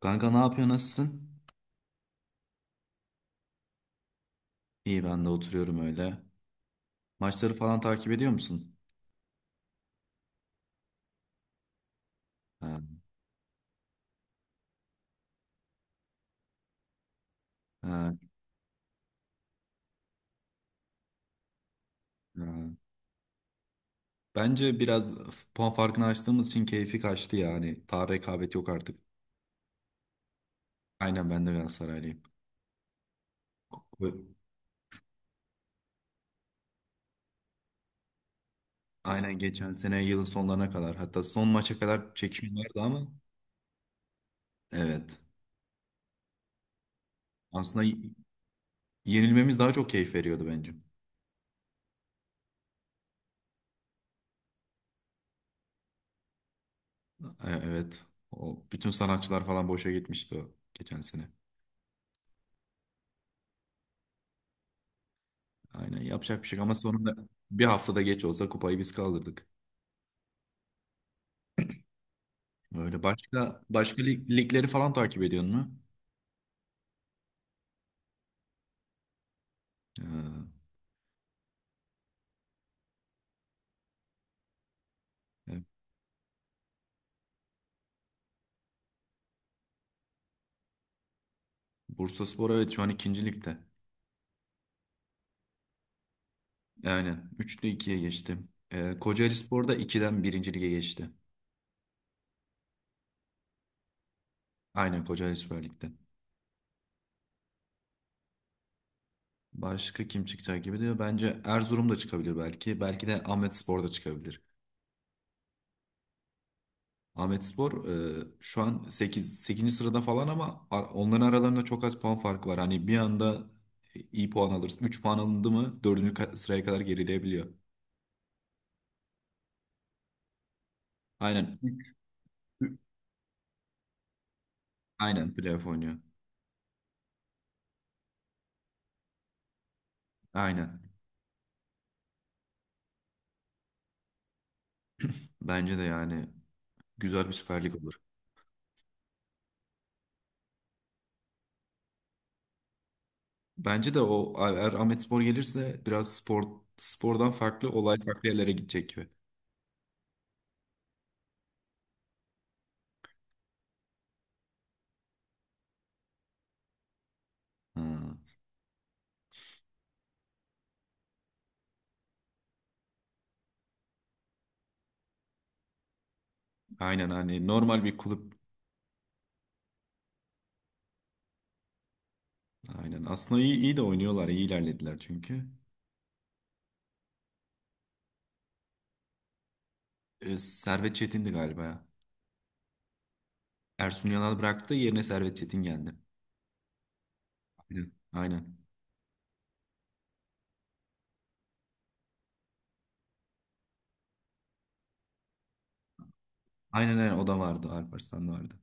Kanka ne yapıyor nasılsın? İyi ben de oturuyorum öyle. Maçları falan takip ediyor musun? Ha, ha, ha. Bence biraz puan farkını açtığımız için keyfi kaçtı yani. Daha rekabet yok artık. Aynen ben de Galatasaraylıyım. Bu- Aynen geçen sene yılın sonlarına kadar hatta son maça kadar çekişme vardı ama evet. Aslında yenilmemiz daha çok keyif veriyordu bence. Evet. O, bütün sanatçılar falan boşa gitmişti o geçen sene. Aynen yapacak bir şey yok ama sonunda bir haftada geç olsa kupayı biz kaldırdık. Öyle başka başka ligleri falan takip ediyorsun mu? Ee, e, Bursaspor evet şu an ikinci ligde. Aynen 3'lü ikiye geçti. Kocaelispor da iki'den 1. lige geçti. Aynen Kocaelispor Lig'de. Başka kim çıkacak gibi diyor. Bence Erzurum da çıkabilir belki. Belki de Ahmetspor da çıkabilir. Ahmetspor şu an sekizinci sırada falan ama onların aralarında çok az puan farkı var. Hani bir anda iyi puan alırız. 3 puan alındı mı dördüncü sıraya kadar gerileyebiliyor. Aynen. Aynen playoff oynuyor. Aynen. Bence de yani güzel bir Süper Lig olur. Bence de o eğer Ahmetspor gelirse biraz spordan farklı olay farklı yerlere gidecek gibi. Ha, aynen hani normal bir kulüp. Aynen. Aslında iyi iyi de oynuyorlar. İyi ilerlediler çünkü. Servet Çetin'di galiba ya. Ersun Yanal bıraktı. Yerine Servet Çetin geldi. Aynen. Aynen. Aynen aynen o da vardı. Alparslan da vardı.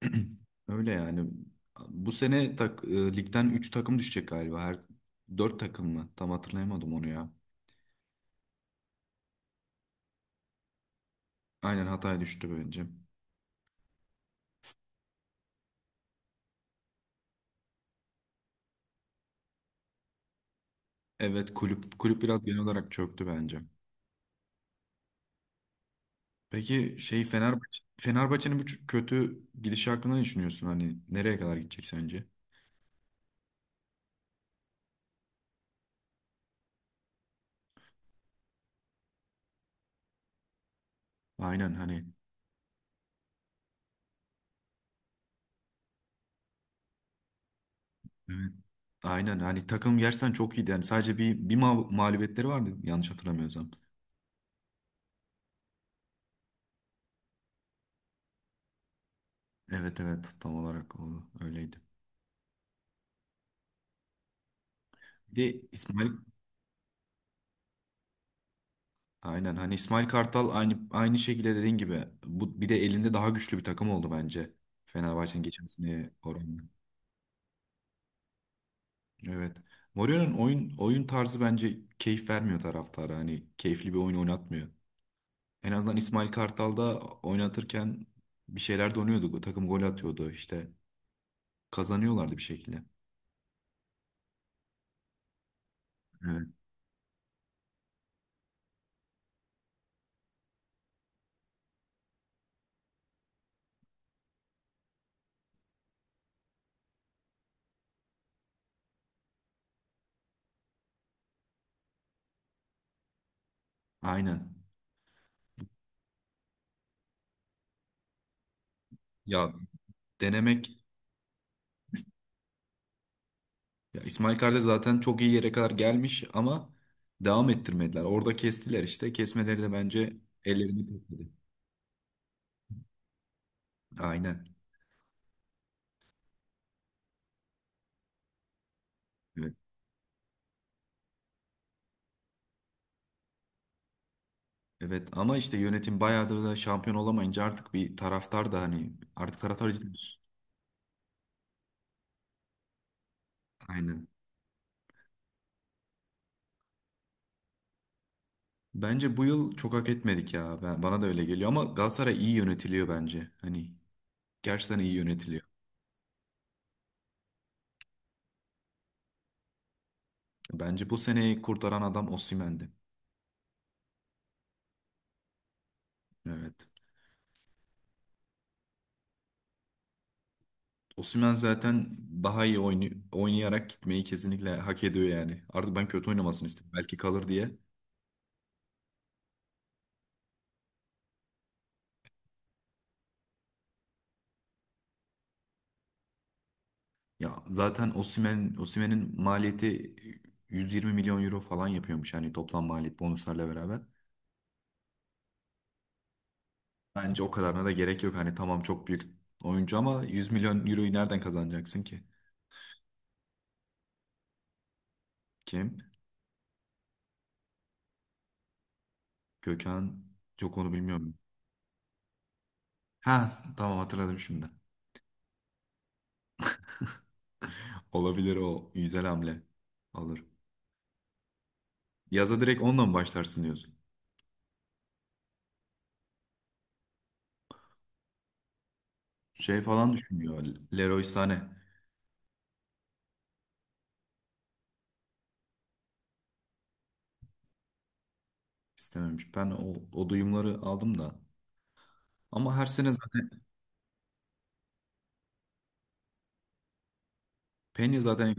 Öyle yani. Bu sene ligden 3 takım düşecek galiba. Her 4 takım mı? Tam hatırlayamadım onu ya. Aynen Hatay düştü bence. Evet kulüp biraz genel olarak çöktü bence. Peki şey Fenerbahçe'nin bu kötü gidişi hakkında ne düşünüyorsun? Hani nereye kadar gidecek sence? Aynen hani Aynen hani takım gerçekten çok iyiydi. Yani sadece bir mağlubiyetleri vardı yanlış hatırlamıyorsam. Evet evet tam olarak o öyleydi. Bir de İsmail aynen hani İsmail Kartal aynı şekilde dediğin gibi bu bir de elinde daha güçlü bir takım oldu bence Fenerbahçe'nin geçen seneye oranla. Evet. Mourinho'nun oyun tarzı bence keyif vermiyor taraftara. Hani keyifli bir oyun oynatmıyor. En azından İsmail Kartal'da oynatırken bir şeyler donuyordu. Takım gol atıyordu işte. Kazanıyorlardı bir şekilde. Aynen. Ya denemek ya İsmail Kardeş zaten çok iyi yere kadar gelmiş ama devam ettirmediler. Orada kestiler işte. Kesmeleri de bence ellerini kesti. Aynen. Evet. Evet ama işte yönetim bayağıdır da şampiyon olamayınca artık bir taraftar da hani artık taraftar ciddi. Aynen. Bence bu yıl çok hak etmedik ya. Bana da öyle geliyor ama Galatasaray iyi yönetiliyor bence. Hani gerçekten iyi yönetiliyor. Bence bu seneyi kurtaran adam Osimhen'di. Evet. Osimhen zaten daha iyi oynayarak gitmeyi kesinlikle hak ediyor yani. Artık ben kötü oynamasını istedim. Belki kalır diye. Ya zaten Osimhen'in maliyeti 120 milyon euro falan yapıyormuş hani toplam maliyet bonuslarla beraber. Bence o kadarına da gerek yok. Hani tamam çok büyük oyuncu ama 100 milyon euroyu nereden kazanacaksın ki? Kim? Gökhan. Yok onu bilmiyorum. Ha tamam hatırladım şimdi. Olabilir o güzel hamle. Alır. Yaza direkt onunla mı başlarsın diyorsun? Şey falan düşünüyor. Leroy Sané istememiş. Ben o duyumları aldım da. Ama her sene zaten Peña zaten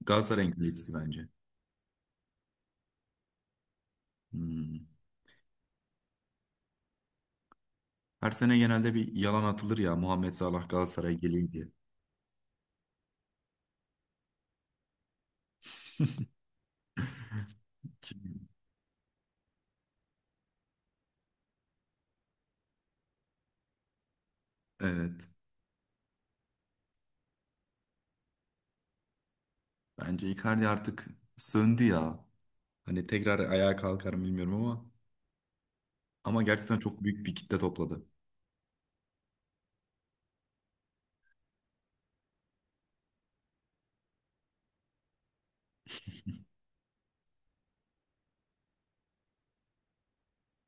Galatasaray'ın kalecisi bence. Hmm. Her sene genelde bir yalan atılır ya Muhammed Salah Galatasaray'a geliyor diye. Evet. Bence Icardi artık söndü ya. Hani tekrar ayağa kalkar mı bilmiyorum ama gerçekten çok büyük bir kitle topladı.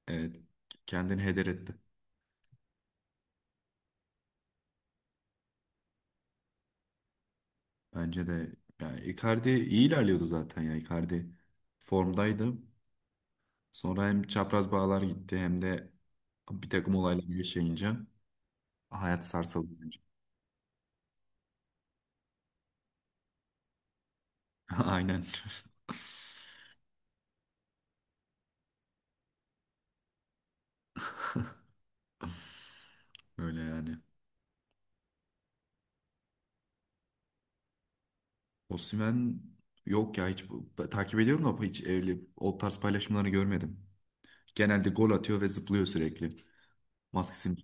Evet. Kendini heder etti. Bence de yani Icardi iyi ilerliyordu zaten ya. Icardi formdaydı. Sonra hem çapraz bağlar gitti hem de bir takım olaylar yaşayınca hayat sarsıldı bence. Aynen öyle yani. Osimhen yok ya hiç takip ediyorum ama hiç evli o tarz paylaşımlarını görmedim. Genelde gol atıyor ve zıplıyor sürekli. Maskesini.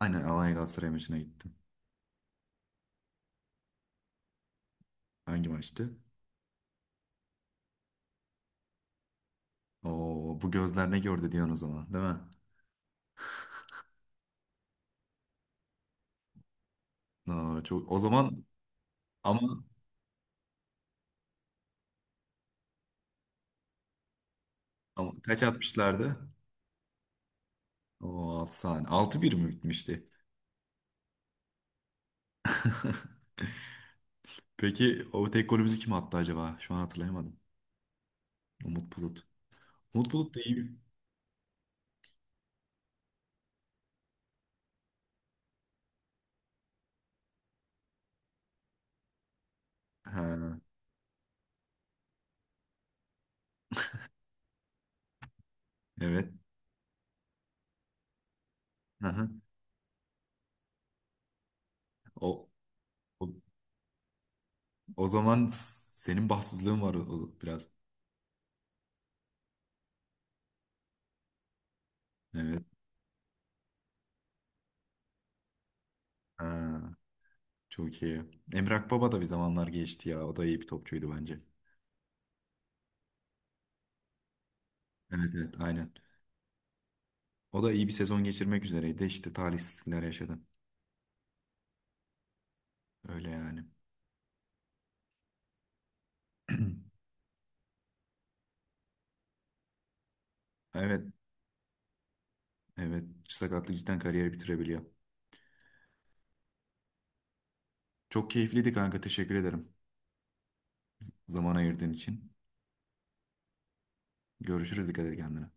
Aynen Alanya Galatasaray maçına gittim. Hangi maçtı? Oo bu gözler ne gördü diyorsun o zaman değil mi? Aa, çok o zaman ama, ama kaç atmışlardı? O 6 saniye. 6-1 mi bitmişti? Peki o tek golümüzü kim attı acaba? Şu an hatırlayamadım. Umut Bulut. Umut Bulut değil. Ha, evet. Hı O, o, o zaman senin bahtsızlığın var o biraz. Evet. Ha, çok iyi. Emre Akbaba da bir zamanlar geçti ya. O da iyi bir topçuydu bence. Evet evet aynen. O da iyi bir sezon geçirmek üzereydi. İşte talihsizlikler yaşadı. Öyle yani. Evet. Evet. Sakatlık cidden kariyeri bitirebiliyor. Çok keyifliydi kanka. Teşekkür ederim. Zaman ayırdığın için. Görüşürüz. Dikkat et kendine.